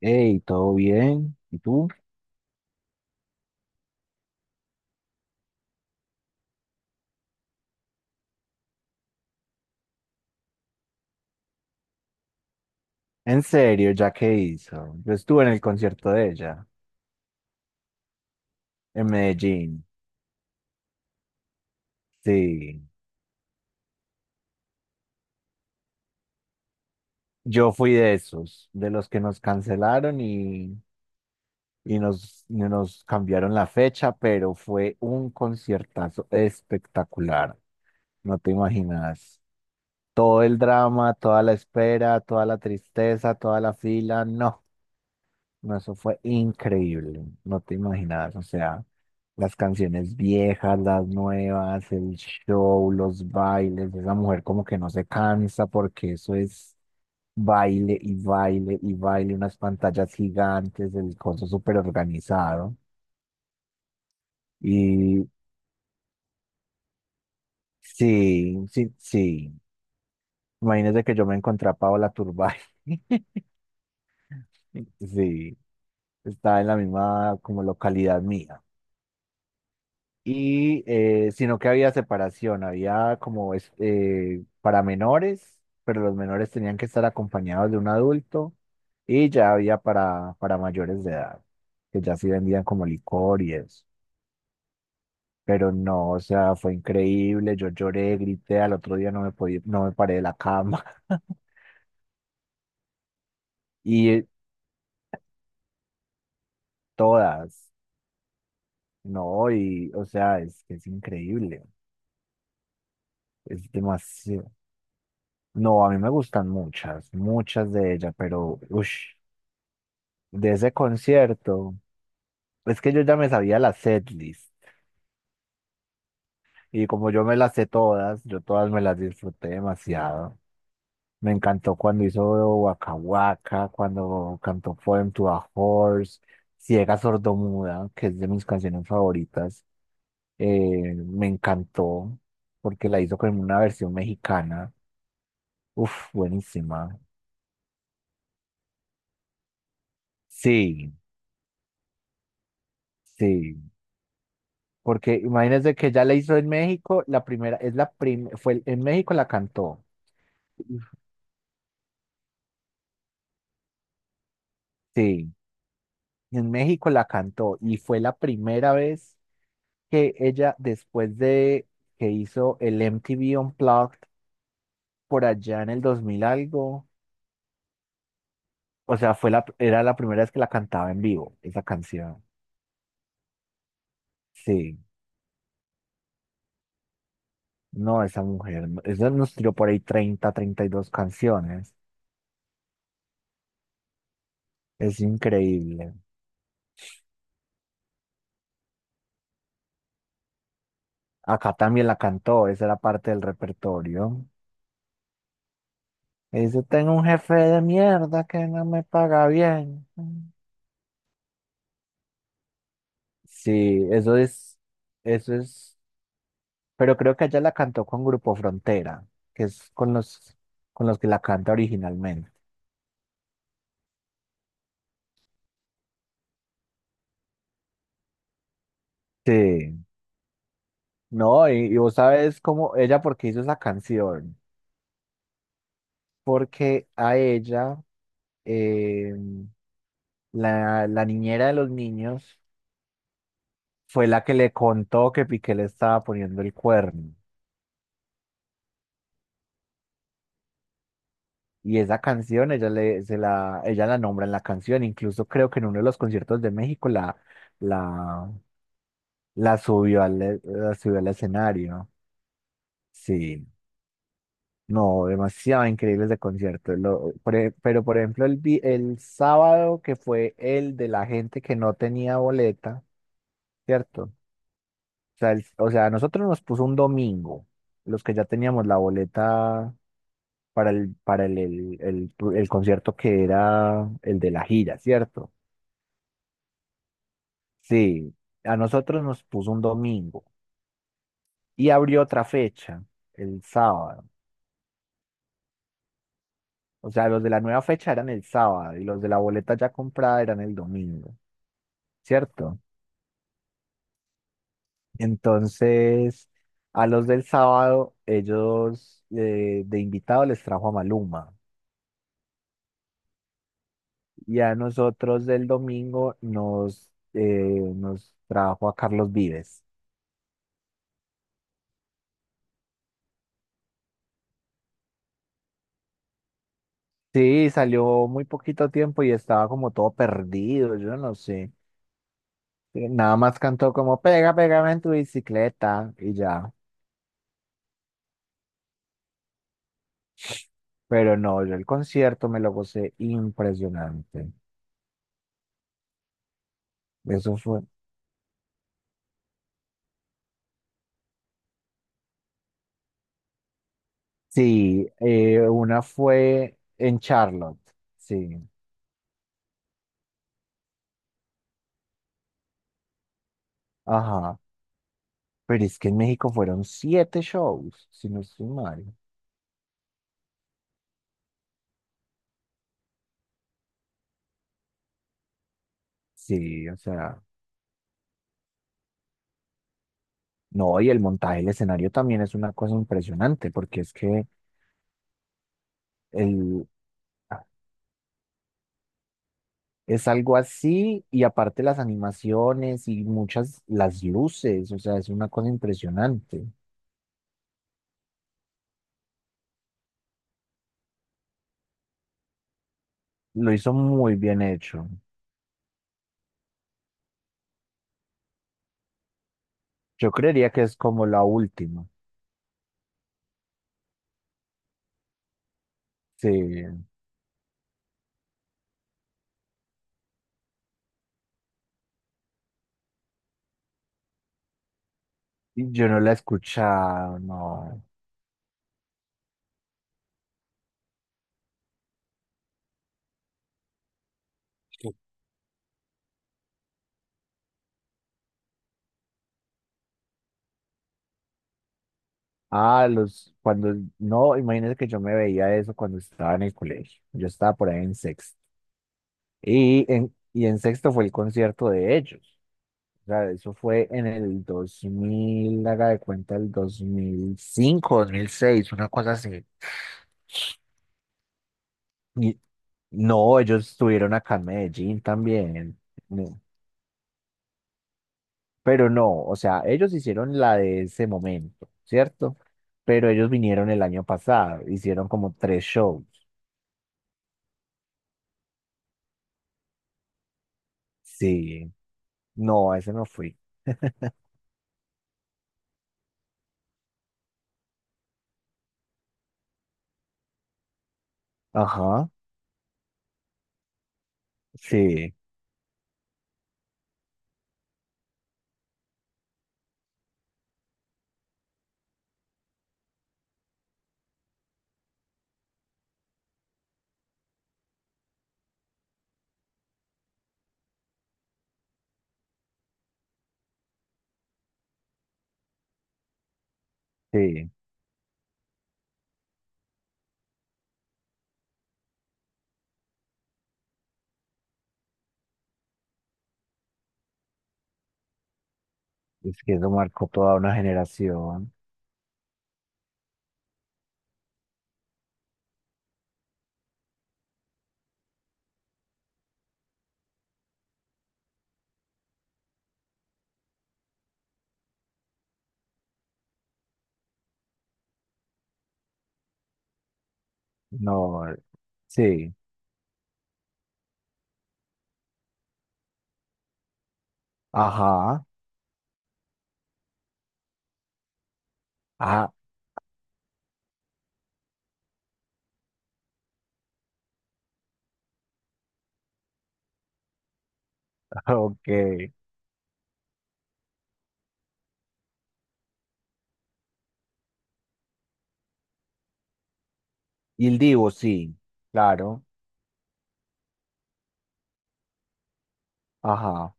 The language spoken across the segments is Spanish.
Hey, ¿todo bien? ¿Y tú? En serio, ¿ya qué hizo? Yo estuve en el concierto de ella, en Medellín. Sí, yo fui de esos, de los que nos cancelaron y nos cambiaron la fecha, pero fue un conciertazo espectacular. No te imaginas. Todo el drama, toda la espera, toda la tristeza, toda la fila, no, no, eso fue increíble. No te imaginas, o sea. Las canciones viejas, las nuevas, el show, los bailes, esa mujer como que no se cansa porque eso es baile y baile y baile, unas pantallas gigantes, el coso súper organizado. Y sí, sí, sí. Imagínese que yo me encontré a Paola Turbay. Sí, estaba en la misma como localidad mía. Y sino que había separación, había como para menores, pero los menores tenían que estar acompañados de un adulto y ya había para mayores de edad, que ya sí vendían como licor y eso. Pero no, o sea, fue increíble, yo lloré, grité, al otro día no me paré de la cama. Y todas, no, y o sea, es que es increíble, es demasiado. No, a mí me gustan muchas, muchas de ellas, pero uff. De ese concierto, es que yo ya me sabía la setlist, y como yo me las sé todas, yo todas me las disfruté demasiado. Me encantó cuando hizo Waka Waka, cuando cantó Poem to a Horse, Ciega Sordomuda, que es de mis canciones favoritas. Me encantó porque la hizo con una versión mexicana. Uf, buenísima. Sí, sí. Porque imagínense que ya la hizo en México, la primera, fue en México la cantó. Sí, en México la cantó y fue la primera vez que ella, después de que hizo el MTV Unplugged por allá en el 2000 algo. O sea, era la primera vez que la cantaba en vivo, esa canción. Sí, no, esa mujer, esa nos tiró por ahí 30, 32 canciones, es increíble. Acá también la cantó, esa era parte del repertorio. Dice, tengo un jefe de mierda que no me paga bien. Sí, eso es, pero creo que ella la cantó con Grupo Frontera, que es con los que la canta originalmente. Sí, no, y vos sabes cómo ella, por qué hizo esa canción, porque a ella, eh, la niñera de los niños, fue la que le contó que Piqué le estaba poniendo el cuerno. Y esa canción, ella la nombra en la canción, incluso creo que en uno de los conciertos de México la, la subió al escenario. Sí, no, demasiado increíble ese concierto. Pero, por ejemplo, el sábado que fue el de la gente que no tenía boleta, ¿cierto? O sea, o sea, a nosotros nos puso un domingo, los que ya teníamos la boleta para el concierto que era el de la gira, ¿cierto? Sí, a nosotros nos puso un domingo y abrió otra fecha, el sábado. O sea, los de la nueva fecha eran el sábado y los de la boleta ya comprada eran el domingo, ¿cierto? Entonces, a los del sábado, ellos de invitado les trajo a Maluma y a nosotros del domingo nos trajo a Carlos Vives. Sí, salió muy poquito tiempo y estaba como todo perdido, yo no sé. Nada más cantó como pégame en tu bicicleta y ya. Pero no, yo el concierto me lo gocé impresionante. Eso fue. Sí, una fue en Charlotte, sí, ajá, pero es que en México fueron siete shows, si no estoy mal. Sí, o sea, no, y el montaje del escenario también es una cosa impresionante, porque es que el, ah, es algo así, y aparte las animaciones y las luces, o sea, es una cosa impresionante. Lo hizo muy bien hecho. Yo creería que es como la última, sí. Yo no la he escuchado, no. Sí. Ah, no, imagínate que yo me veía eso cuando estaba en el colegio. Yo estaba por ahí en sexto. Y en sexto fue el concierto de ellos. O sea, eso fue en el 2000, haga de cuenta, el dos mil cinco, 2006, una cosa así. Y no, ellos estuvieron acá en Medellín también. Pero no, o sea, ellos hicieron la de ese momento, ¿cierto? Pero ellos vinieron el año pasado, hicieron como tres shows. Sí, no, a ese no fui. Ajá, sí, sí. Es que eso marcó toda una generación. No, sí, ajá, ah, ok. Y el Divo, sí, claro, ajá.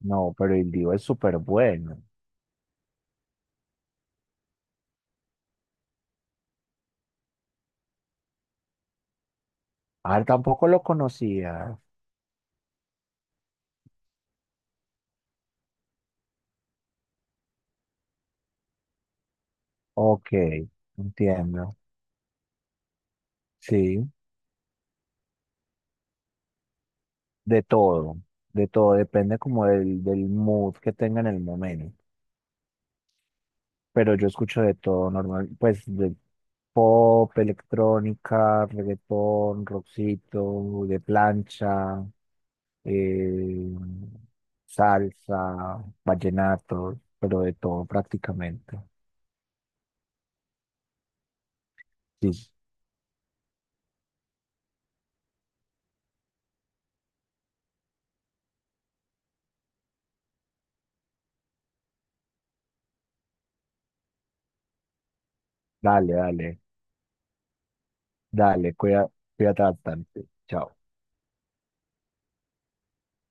No, pero el Divo es súper bueno. Ah, tampoco lo conocía. Ok, entiendo. Sí. De todo, de todo, depende como del mood que tenga en el momento. Pero yo escucho de todo normal, pues de pop, electrónica, reggaetón, rockcito, de plancha, eh, salsa, vallenato, pero de todo prácticamente. Sí, dale, dale, dale, cuídate bastante. Chao.